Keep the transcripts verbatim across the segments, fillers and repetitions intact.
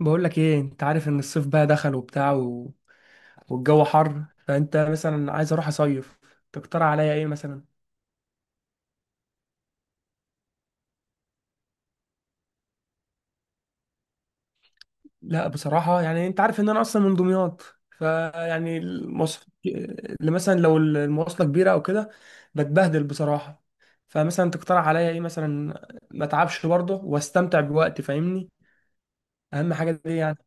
بقول لك ايه؟ انت عارف ان الصيف بقى دخل وبتاع و... والجو حر، فانت مثلا عايز اروح اصيف، تقترح عليا ايه مثلا؟ لا بصراحه يعني انت عارف ان انا اصلا من دمياط، فيعني المواصلات اللي مثلا لو المواصله كبيره او كده بتبهدل بصراحه. فمثلا تقترح عليا ايه مثلا؟ ما اتعبش برضه واستمتع بوقتي، فاهمني؟ اهم حاجه دي يعني.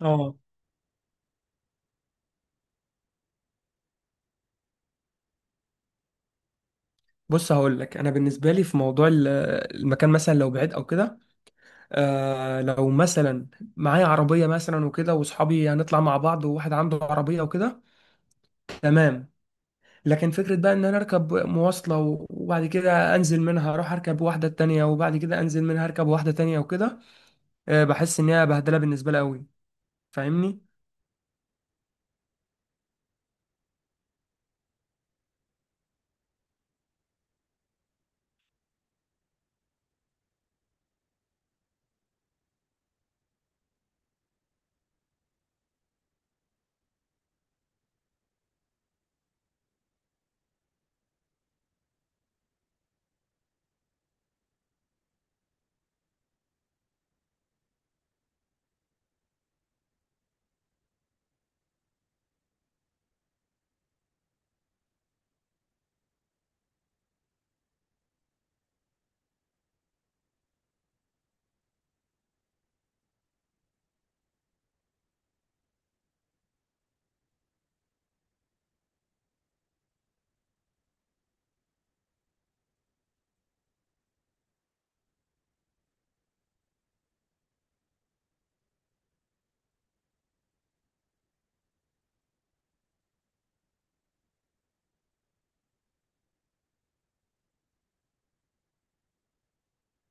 اه. بص هقول لك انا، بالنسبه لي في موضوع ال- المكان، مثلا لو بعيد او كده. آه لو مثلا معايا عربية مثلا وكده، وصحابي هنطلع مع بعض، وواحد عنده عربية وكده، تمام. لكن فكرة بقى ان انا اركب مواصلة و- وبعد كده انزل منها اروح اركب واحدة تانية وبعد كده انزل منها اركب واحدة تانية وكده، آه بحس ان هي بهدلة بالنسبة لي قوي، فاهمني؟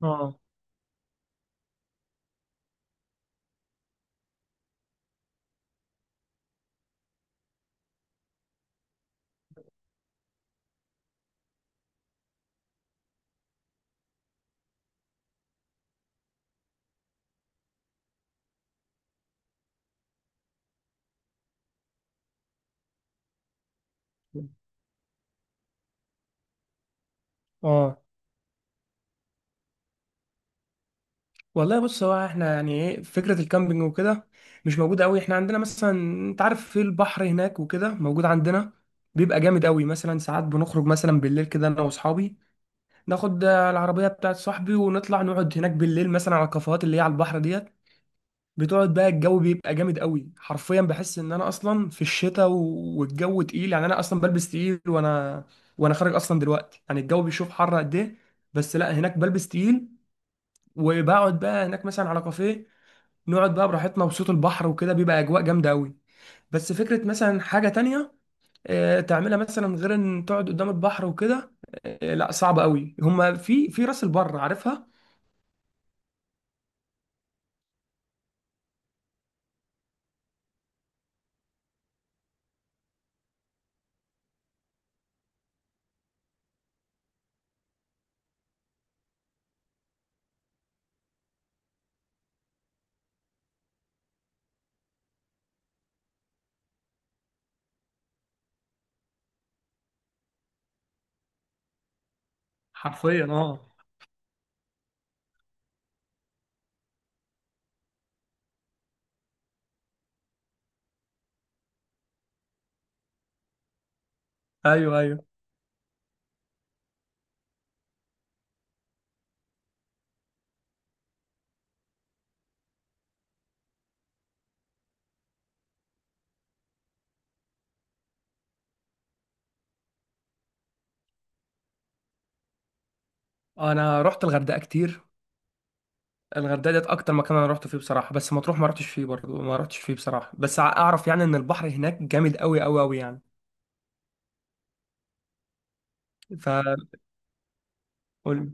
اه اه. والله بص، هو احنا يعني ايه فكرة الكامبينج وكده مش موجودة قوي احنا عندنا. مثلا انت عارف في البحر هناك وكده، موجود عندنا، بيبقى جامد قوي. مثلا ساعات بنخرج مثلا بالليل كده، انا واصحابي، ناخد آه، العربيه بتاعت صاحبي ونطلع نقعد هناك بالليل مثلا على الكافيهات اللي هي على البحر ديت. بتقعد بقى، الجو بيبقى جامد قوي، حرفيا بحس ان انا اصلا في الشتاء و- والجو تقيل، يعني انا اصلا بلبس تقيل، وانا وانا خارج اصلا دلوقتي، يعني الجو بيشوف حر قد ايه، بس لا هناك بلبس تقيل. وبقعد بقى هناك مثلا على كافيه، نقعد بقى براحتنا، وصوت البحر وكده بيبقى اجواء جامده قوي. بس فكره مثلا حاجه تانية آه، تعملها مثلا غير ان تقعد قدام البحر وكده، آه، لا صعب قوي. هما في في راس البر عارفها. حرفيا اه. ايوه ايوه. انا رحت الغردقه كتير. الغردقه ديت اكتر مكان انا رحت فيه بصراحه. بس مطروح ما رحتش فيه برضه، ما رحتش فيه بصراحه، بس ع- اعرف يعني ان البحر هناك جامد قوي قوي قوي يعني. ف قول-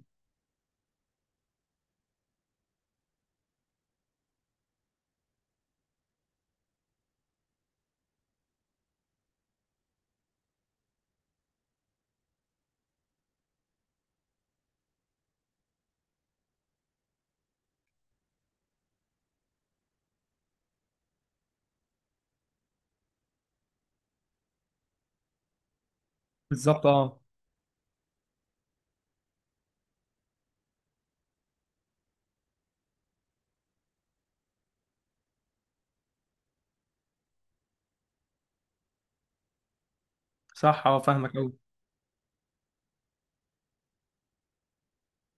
بالظبط اه. صح اه فاهمك قوي.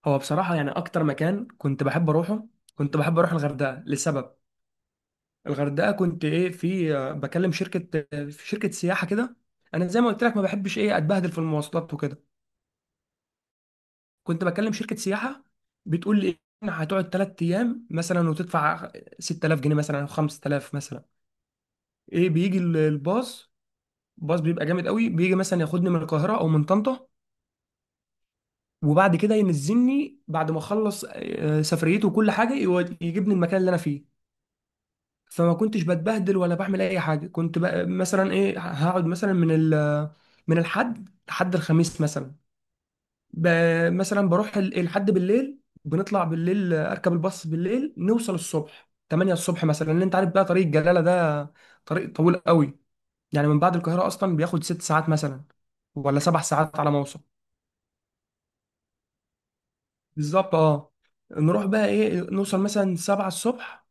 هو بصراحه يعني اكتر مكان كنت بحب اروحه، كنت بحب اروح الغردقه، لسبب. الغردقه كنت ايه، في آه، بكلم شركه آه، في شركه سياحه كده. انا زي ما قلت لك ما بحبش ايه اتبهدل في المواصلات وكده. كنت بكلم شركه سياحه، بتقول لي إن هتقعد ثلاث ايام مثلا وتدفع ستة آلاف جنيه مثلا او خمسة آلاف مثلا. ايه، بيجي ال- الباص، باص بيبقى جامد قوي، بيجي مثلا ياخدني من القاهره او من طنطا، وبعد كده ينزلني بعد ما اخلص آه، سفريته وكل حاجه، يود- يجيبني المكان اللي انا فيه. فما كنتش بتبهدل ولا بعمل اي حاجه. كنت بقى مثلا ايه، هقعد مثلا من ال، من الحد لحد الخميس مثلا. ب... مثلا بروح ال- لحد بالليل، بنطلع بالليل، آه، اركب الباص بالليل، نوصل الصبح ثمانية الصبح مثلا، لان انت عارف بقى طريق الجلاله ده طريق طويل قوي. يعني من بعد القاهره اصلا بياخد ست ساعات مثلا، ولا سبع ساعات على ما اوصل. بالظبط اه. نروح بقى ايه، نوصل مثلا سبعة الصبح،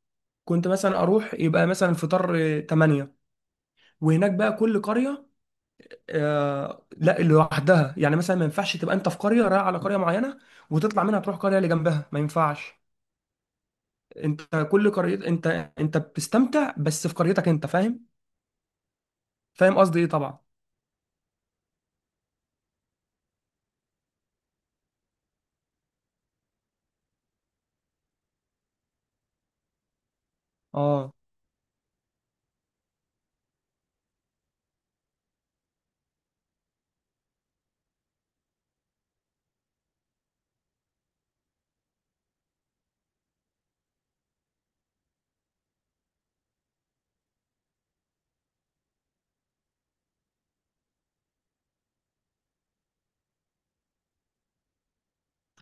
كنت مثلا اروح يبقى مثلا الفطار آه، ثمانية. وهناك بقى كل قريه آه لا لوحدها، يعني مثلا ما ينفعش تبقى انت في قريه رايح على قريه معينه وتطلع منها تروح قريه اللي جنبها، ما ينفعش. انت كل قرية، انت انت بتستمتع بس في قريتك انت، فاهم؟ فاهم قصدي ايه طبعا. اه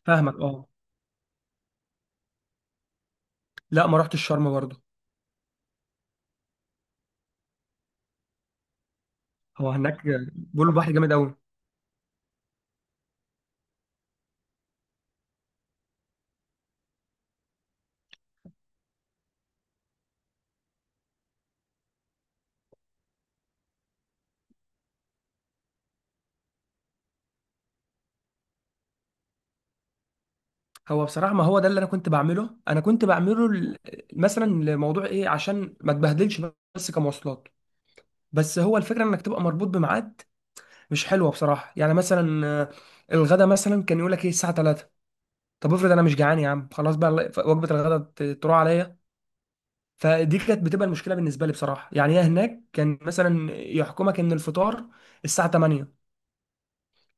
فاهمك اه. لا ما رحتش الشرم برضه. هو هناك بيقولوا البحر جامد قوي. هو بصراحة، ما هو ده اللي انا كنت بعمله انا كنت بعمله ل- مثلا لموضوع ايه عشان ما تبهدلش، بس كمواصلات. بس هو الفكرة انك تبقى مربوط بميعاد مش حلوة بصراحة، يعني مثلا آه، الغدا مثلا كان يقول لك ايه الساعة ثلاثة. طب افرض انا مش جعان يا عم، خلاص بقى الله- وجبة الغدا ت- تروح عليا. فدي كانت بتبقى المشكله بالنسبه لي بصراحه يعني. هي هناك كان مثلا يحكمك ان الفطار الساعه ثمانية،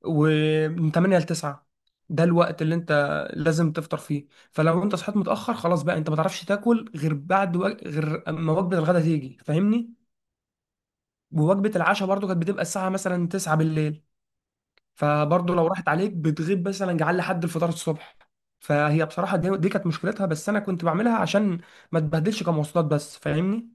ومن ثمانية ل تسعة ده الوقت اللي انت لازم تفطر فيه. فلو انت صحيت متاخر خلاص بقى، انت ما تعرفش تاكل غير بعد وق... غير اما وجبه الغداء تيجي، فاهمني؟ ووجبه العشاء برضو كانت بتبقى الساعه مثلا تسعة بالليل، فبرضو لو راحت عليك بتغيب مثلا جعان لحد الفطار الصبح. فهي بصراحه دي, دي كانت مشكلتها، بس انا كنت بعملها عشان ما تبهدلش كمواصلات بس، فاهمني؟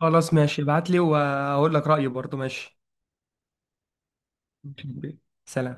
خلاص ماشي، ابعت لي وهقول لك رأيي برضو. ماشي، سلام.